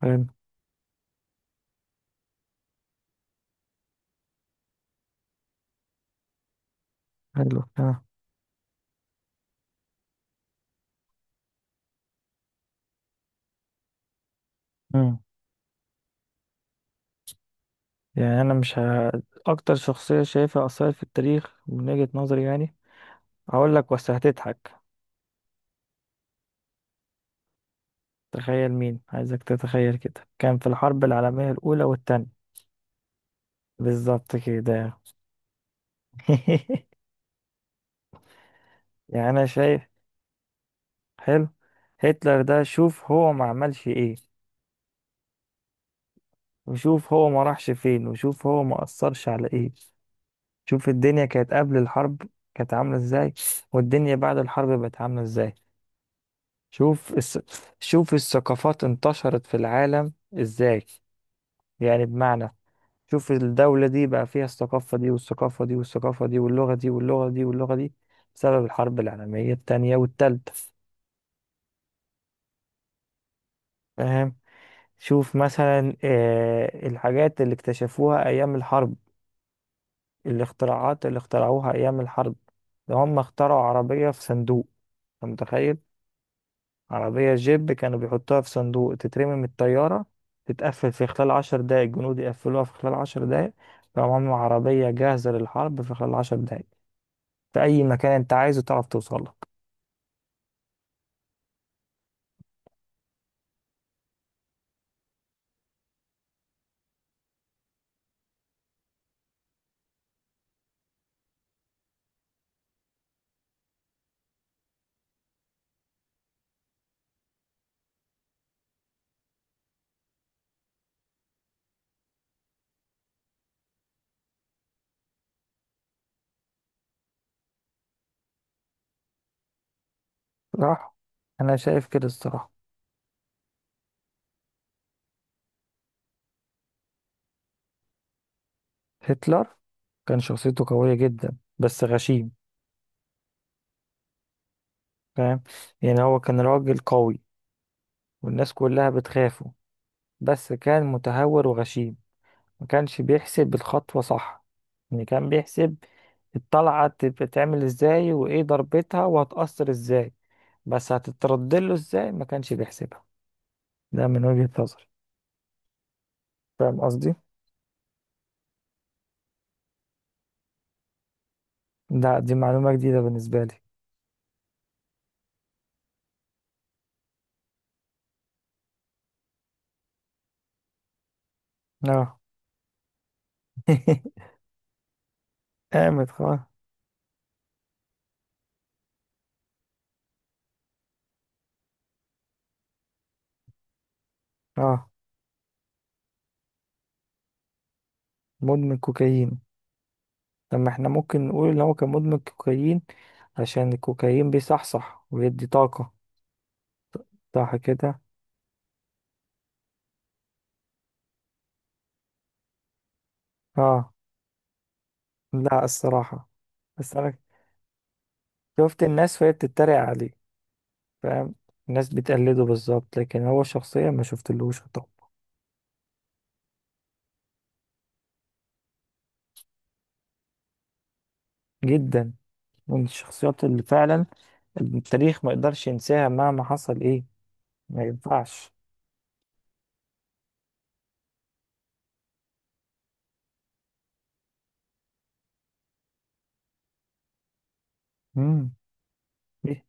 حلو. حلو آه. مم. يعني انا مش ه... اكتر شخصية شايفها اثرت في التاريخ من وجهة نظري، يعني هقول لك، بس هتضحك. تخيل مين عايزك تتخيل كده، كان في الحرب العالمية الاولى والتانية. بالظبط كده. يعني انا شايف. حلو. هتلر ده شوف هو ما عملش ايه، وشوف هو ما راحش فين، وشوف هو ما اثرش على ايه. شوف الدنيا كانت قبل الحرب كانت عاملة ازاي، والدنيا بعد الحرب بقت عاملة ازاي. شوف الس... شوف الثقافات انتشرت في العالم ازاي. يعني بمعنى، شوف الدولة دي بقى فيها الثقافة دي والثقافة دي والثقافة دي، واللغة دي واللغة دي واللغة دي، بسبب الحرب العالمية التانية والتالتة. فاهم؟ شوف مثلا آه الحاجات اللي اكتشفوها أيام الحرب، الاختراعات اللي اخترعوها أيام الحرب. ده هم اخترعوا عربية في صندوق. أنت متخيل؟ عربية جيب كانوا بيحطوها في صندوق، تترمي من الطيارة، تتقفل في خلال عشر دقايق، الجنود يقفلوها في خلال عشر دقايق. فهم عملوا عربية جاهزة للحرب في خلال عشر دقايق، في أي مكان أنت عايزه تعرف توصل لك. صح. أنا شايف كده الصراحة. هتلر كان شخصيته قوية جدا، بس غشيم. فاهم؟ يعني هو كان راجل قوي، والناس كلها بتخافه، بس كان متهور وغشيم. ما كانش بيحسب الخطوة صح. يعني كان بيحسب الطلعة بتتعمل ازاي وايه ضربتها وهتأثر ازاي، بس هتترد له ازاي ما كانش بيحسبها. ده من وجهة نظري. فاهم قصدي؟ ده دي معلومة جديدة بالنسبة لي. اه. قامت خلاص. اه. مدمن كوكايين؟ طب ما احنا ممكن نقول ان هو كان مدمن كوكايين، عشان الكوكايين بيصحصح ويدي طاقة. صح كده. اه. لا الصراحة. بس انا شفت الناس وهي بتتريق عليه. فاهم؟ الناس بتقلده بالظبط، لكن هو شخصيا ما شفتلوش. جدا. من الشخصيات اللي فعلا التاريخ ما يقدرش ينساها مهما حصل ايه. ما ينفعش. امم ايه.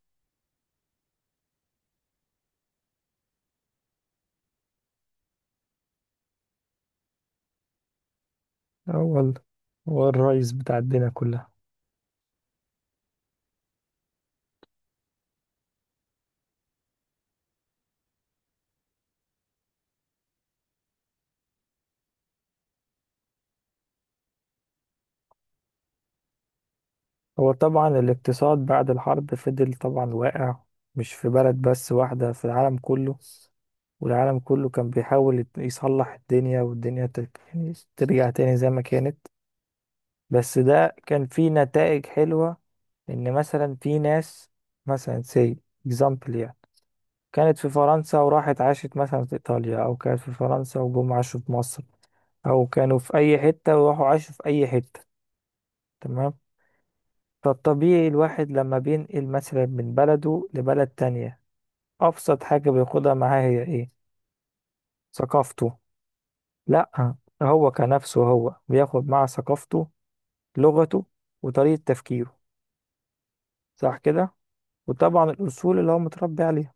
اه والله. هو الرئيس بتاع الدنيا كلها. هو طبعا الاقتصاد بعد الحرب فضل طبعا واقع، مش في بلد بس واحدة، في العالم كله. والعالم كله كان بيحاول يصلح الدنيا، والدنيا يعني ترجع تاني زي ما كانت. بس ده كان فيه نتائج حلوة. إن مثلا في ناس، مثلا say example يعني، كانت في فرنسا وراحت عاشت مثلا في إيطاليا، أو كانت في فرنسا وجم عاشوا في مصر، أو كانوا في أي حتة وراحوا عاشوا في أي حتة. تمام. فالطبيعي الواحد لما بينقل مثلا من بلده لبلد تانية، أبسط حاجة بياخدها معاه هي إيه؟ ثقافته. لأ، هو كنفسه هو بياخد معاه ثقافته، لغته، وطريقة تفكيره. صح كده؟ وطبعا الأصول اللي هو متربي عليها.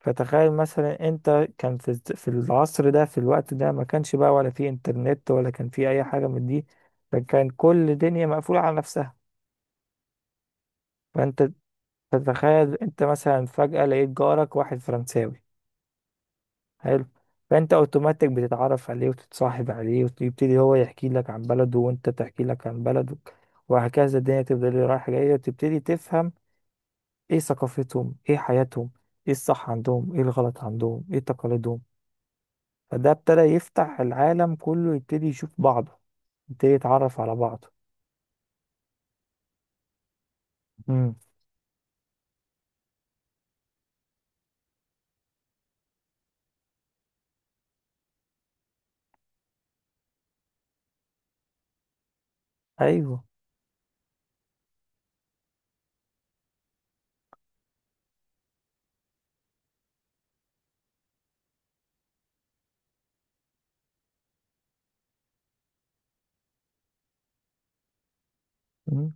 فتخيل مثلا انت كان في في العصر ده، في الوقت ده ما كانش بقى ولا في انترنت ولا كان في اي حاجة من دي. فكان كل دنيا مقفولة على نفسها. فانت تتخيل انت مثلا فجأة لقيت جارك واحد فرنساوي. حلو. فانت اوتوماتيك بتتعرف عليه وتتصاحب عليه، ويبتدي هو يحكي لك عن بلده وانت تحكي لك عن بلدك. وهكذا الدنيا تفضل رايحة جاية، وتبتدي تفهم ايه ثقافتهم، ايه حياتهم، ايه الصح عندهم، ايه الغلط عندهم، ايه تقاليدهم. فده ابتدى يفتح العالم كله، يبتدي يشوف بعضه، يبتدي يتعرف على بعضه. مم. ايوه. مم.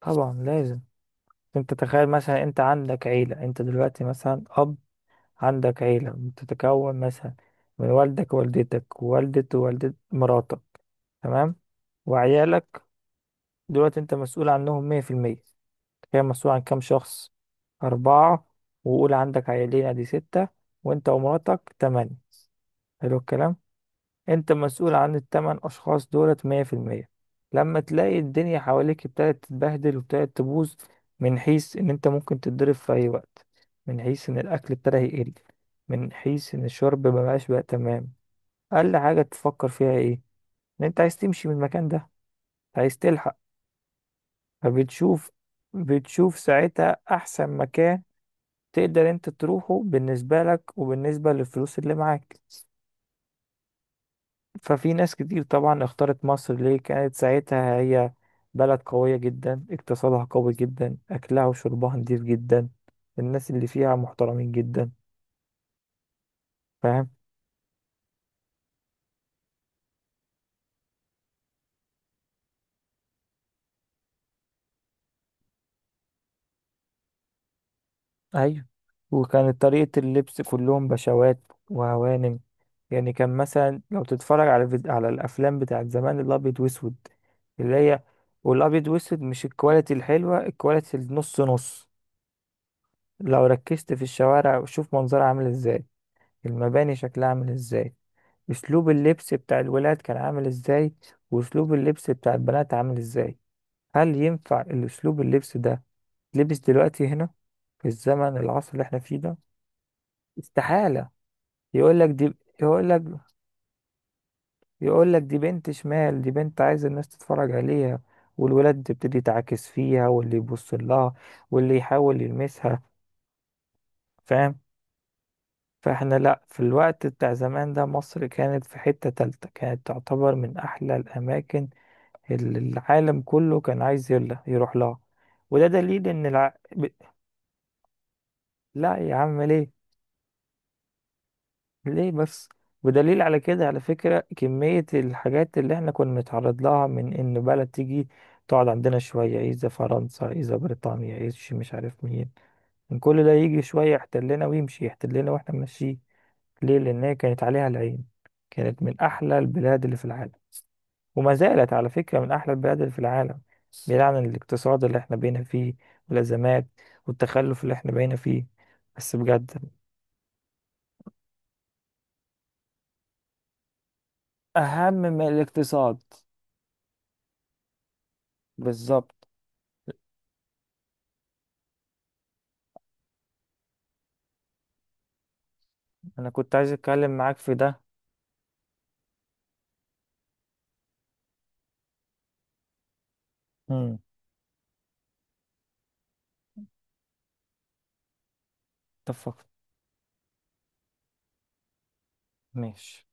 طبعا لازم. انت تخيل مثلا انت عندك عيلة، انت دلوقتي مثلا اب، عندك عيلة بتتكون مثلا من والدك ووالدتك ووالدة ووالدة مراتك، تمام، وعيالك. دلوقتي انت مسؤول عنهم مية في المية. تخيل مسؤول عن كام شخص؟ أربعة. وقول عندك عيالين ادي ستة. وانت ومراتك تمانية. حلو الكلام. انت مسؤول عن التمن اشخاص دولت مية في المية. لما تلاقي الدنيا حواليك ابتدت تتبهدل وابتدت تبوظ، من حيث ان انت ممكن تتضرب في اي وقت، من حيث ان الاكل ابتدى يقل، من حيث ان الشرب مبقاش بقى تمام. اقل حاجة تفكر فيها ايه؟ ان انت عايز تمشي من المكان ده، عايز تلحق. فبتشوف بتشوف ساعتها احسن مكان تقدر انت تروحه بالنسبة لك وبالنسبة للفلوس اللي معاك. ففي ناس كتير طبعا اختارت مصر، ليه؟ كانت ساعتها هي بلد قوية جدا، اقتصادها قوي جدا، أكلها وشربها نضيف جدا، الناس اللي فيها محترمين جدا. فاهم؟ أيوة. وكانت طريقة اللبس كلهم بشوات وهوانم. يعني كان مثلا لو تتفرج على على الأفلام بتاعت زمان الأبيض وأسود، اللي هي، والأبيض وأسود مش الكواليتي الحلوة، الكواليتي النص نص. لو ركزت في الشوارع وشوف منظرها عامل ازاي، المباني شكلها عامل ازاي، اسلوب اللبس بتاع الولاد كان عامل ازاي، واسلوب اللبس بتاع البنات عامل ازاي. هل ينفع الاسلوب اللبس ده لبس دلوقتي هنا، في الزمن العصر اللي احنا فيه ده؟ استحالة. يقول لك دي، يقول لك، يقول لك دي بنت شمال، دي بنت عايز الناس تتفرج عليها. والولاد تبتدي تعاكس فيها، واللي يبص لها، واللي يحاول يلمسها. فاهم؟ فاحنا لا، في الوقت بتاع زمان ده مصر كانت في حتة تالتة، كانت تعتبر من احلى الاماكن. العالم كله كان عايز يلا يروح لها. وده دليل ان لا يا عم، ليه؟ ليه بس؟ ودليل على كده على فكرة، كمية الحاجات اللي احنا كنا بنتعرض لها، من ان بلد تيجي تقعد عندنا شوية، إذا فرنسا، إذا بريطانيا، إذا شي مش عارف مين، من كل ده يجي شوية يحتلنا ويمشي يحتلنا واحنا ماشيين. ليه؟ لأن هي كانت عليها العين، كانت من أحلى البلاد اللي في العالم، وما زالت على فكرة من أحلى البلاد في العالم، بعيد عن الاقتصاد اللي احنا بقينا فيه، والأزمات، والتخلف اللي احنا بقينا فيه. بس بجد، اهم من الاقتصاد. بالظبط. أنا كنت عايز أتكلم معاك في ده. امم. اتفق. ماشي.